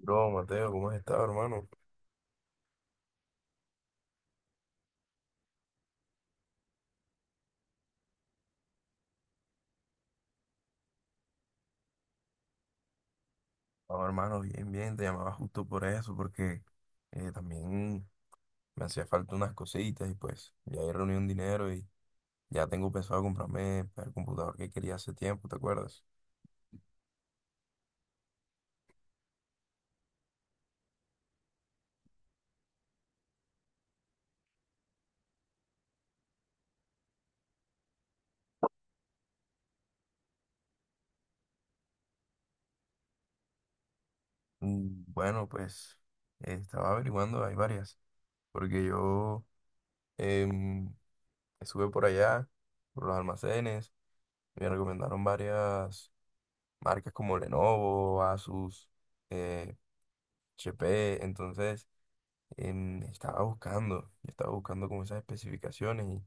Bro, Mateo, ¿cómo has estado, hermano? No, hermano, bien, bien, te llamaba justo por eso, porque también me hacía falta unas cositas y pues ya he reunido un dinero y ya tengo pensado comprarme el computador que quería hace tiempo, ¿te acuerdas? Mm, bueno, pues estaba averiguando, hay varias, porque yo em, estuve por allá, por los almacenes, me recomendaron varias marcas como Lenovo, Asus, eh, HP, entonces... estaba buscando, como esas especificaciones, y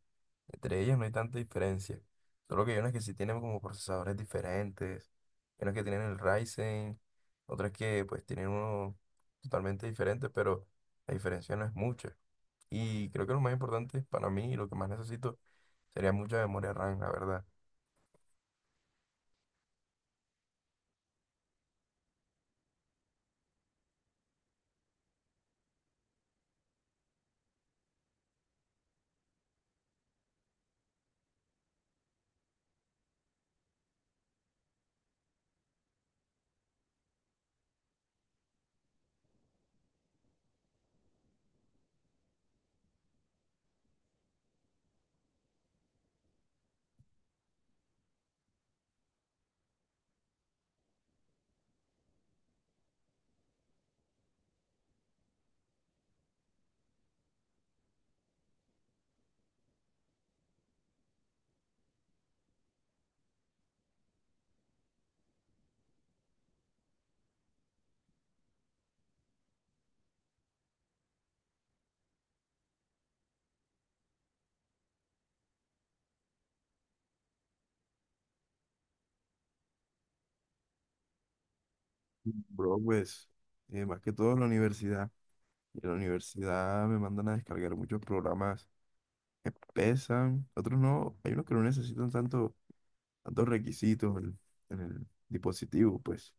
entre ellas no hay tanta diferencia. Solo que hay unas que sí tienen como procesadores diferentes, hay unas que tienen el Ryzen, otras que pues tienen uno totalmente diferente, pero la diferencia no es mucha. Y creo que lo más importante para mí y lo que más necesito sería mucha memoria RAM, la verdad. Bro, pues, más que todo en la universidad. Y en la universidad me mandan a descargar muchos programas que pesan, otros no, hay unos que no necesitan tanto, tantos requisitos en el dispositivo, pues,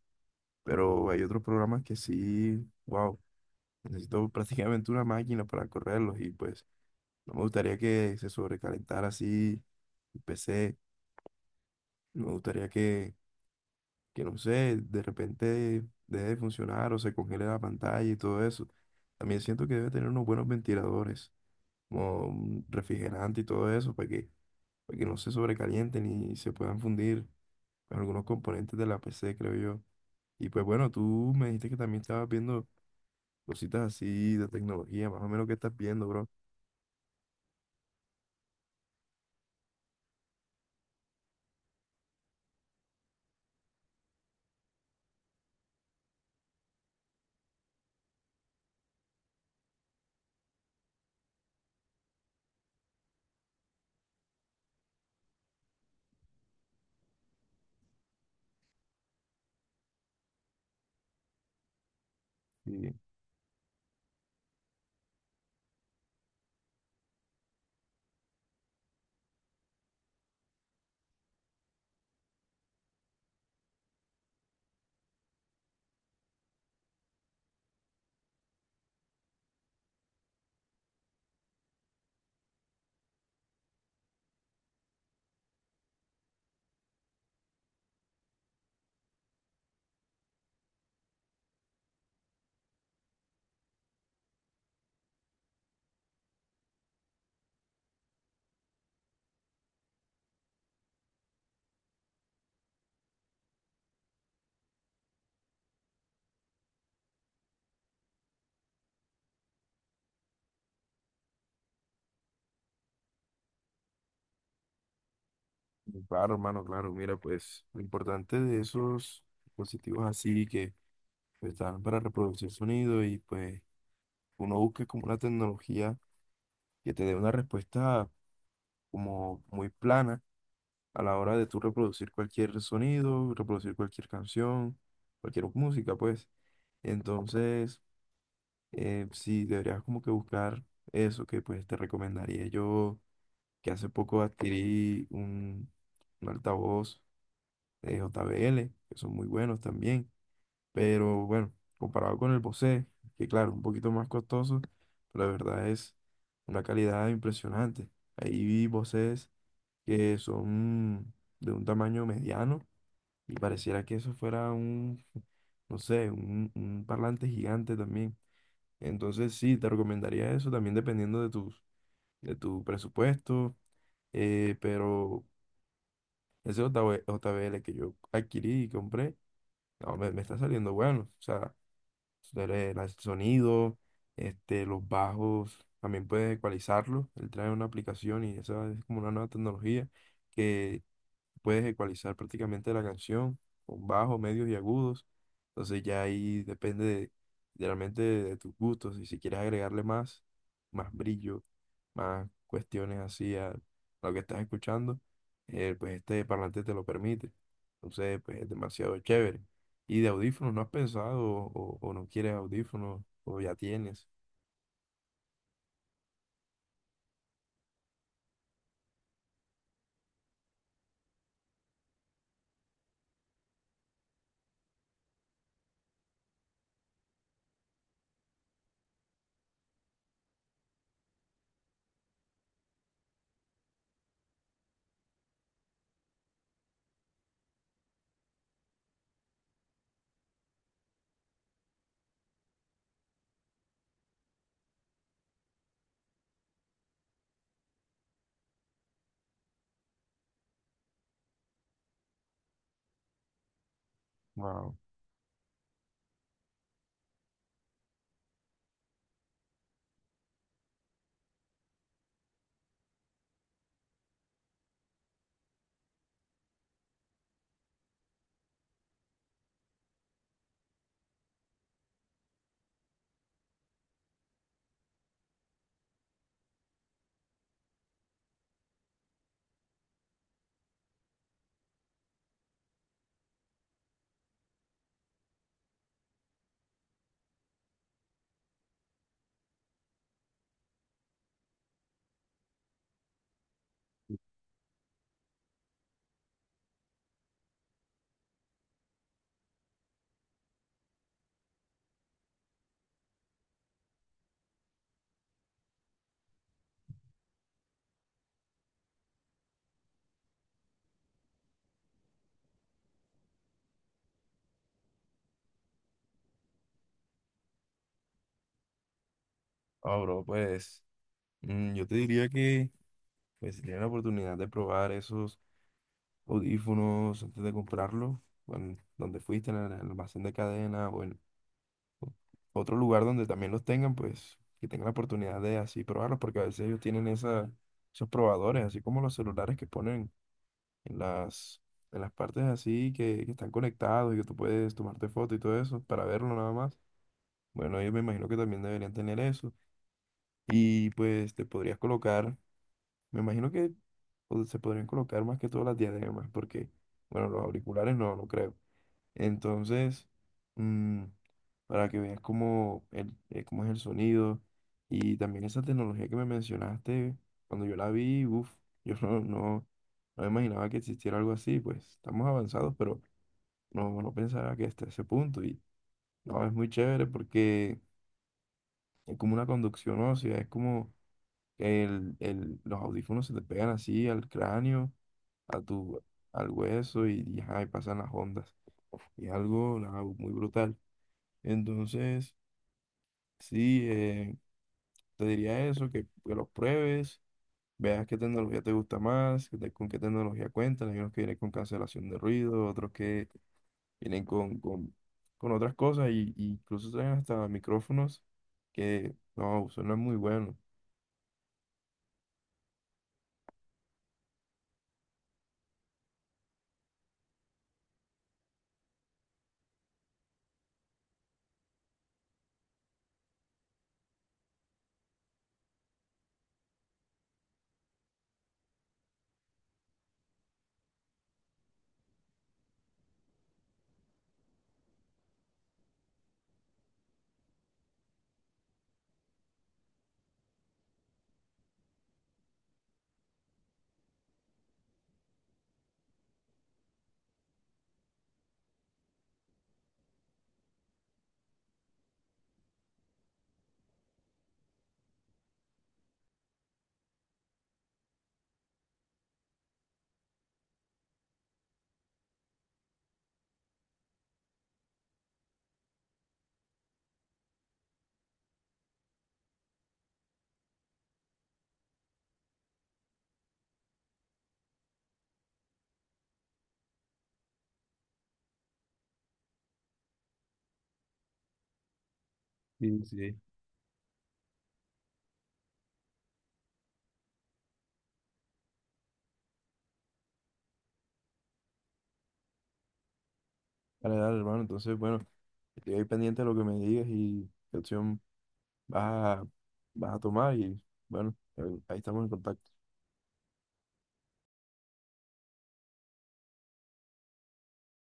pero hay otros programas que sí, wow, necesito prácticamente una máquina para correrlos, y pues no me gustaría que se sobrecalentara así el PC, no me gustaría que no sé, de repente deje de funcionar o se congele la pantalla y todo eso. También siento que debe tener unos buenos ventiladores, como un refrigerante y todo eso, para que no se sobrecalienten y se puedan fundir con algunos componentes de la PC, creo yo. Y pues bueno, tú me dijiste que también estabas viendo cositas así de tecnología, más o menos qué estás viendo, bro. Y y claro, hermano, claro, mira, pues lo importante de esos dispositivos así que, pues, están para reproducir sonido, y pues uno busca como una tecnología que te dé una respuesta como muy plana a la hora de tú reproducir cualquier sonido, reproducir cualquier canción, cualquier música, pues. Entonces, sí, deberías como que buscar eso. Que pues te recomendaría yo, que hace poco adquirí un altavoz de JBL, que son muy buenos también, pero bueno, comparado con el Bose, que claro, un poquito más costoso, pero la verdad es una calidad impresionante. Ahí vi Boses que son de un tamaño mediano y pareciera que eso fuera no sé, un parlante gigante también. Entonces sí, te recomendaría eso también dependiendo de de tu presupuesto. Pero ese JB JBL que yo adquirí y compré, no, me está saliendo bueno. O sea, el sonido, este, los bajos, también puedes ecualizarlos. Él trae una aplicación, y esa es como una nueva tecnología que puedes ecualizar prácticamente la canción con bajos, medios y agudos. Entonces ya ahí depende de, realmente de tus gustos. Y si quieres agregarle más brillo, más cuestiones así a lo que estás escuchando, pues este parlante te lo permite. Entonces, pues es demasiado chévere. ¿Y de audífonos no has pensado, o no quieres audífonos o ya tienes? Wow. Ah, bro, pues, mm, yo te diría que, pues, si tienes la oportunidad de probar esos audífonos antes de comprarlos, bueno, donde fuiste, en el almacén de cadena, bueno, otro lugar donde también los tengan, pues que tengan la oportunidad de así probarlos, porque a veces ellos tienen esos probadores, así como los celulares que ponen en en las partes así, que están conectados y que tú puedes tomarte foto y todo eso para verlo nada más. Bueno, ellos, me imagino, que también deberían tener eso. Y pues te podrías colocar, me imagino que, pues, se podrían colocar más que todas las diademas, porque, bueno, los auriculares no, no creo. Entonces, mm, para que veas cómo, cómo es el sonido, y también esa tecnología que me mencionaste, cuando yo la vi, uff, yo no imaginaba que existiera algo así, pues estamos avanzados, pero no, no pensaba que hasta ese punto. Y no, es muy chévere porque es como una conducción ósea, es como los audífonos se te pegan así al cráneo, a tu, al hueso y ajá, y pasan las ondas. Y algo nada, muy brutal. Entonces, sí, te diría eso, que los pruebes, veas qué tecnología te gusta más, que te- con qué tecnología cuentan. Hay unos que vienen con cancelación de ruido, otros que vienen con otras cosas, y incluso traen hasta micrófonos que no, suenan muy buenos. Sí, sí. Dale, dale, hermano. Entonces, bueno, estoy ahí pendiente de lo que me digas y qué opción vas a, vas a tomar. Y bueno, ahí estamos en contacto.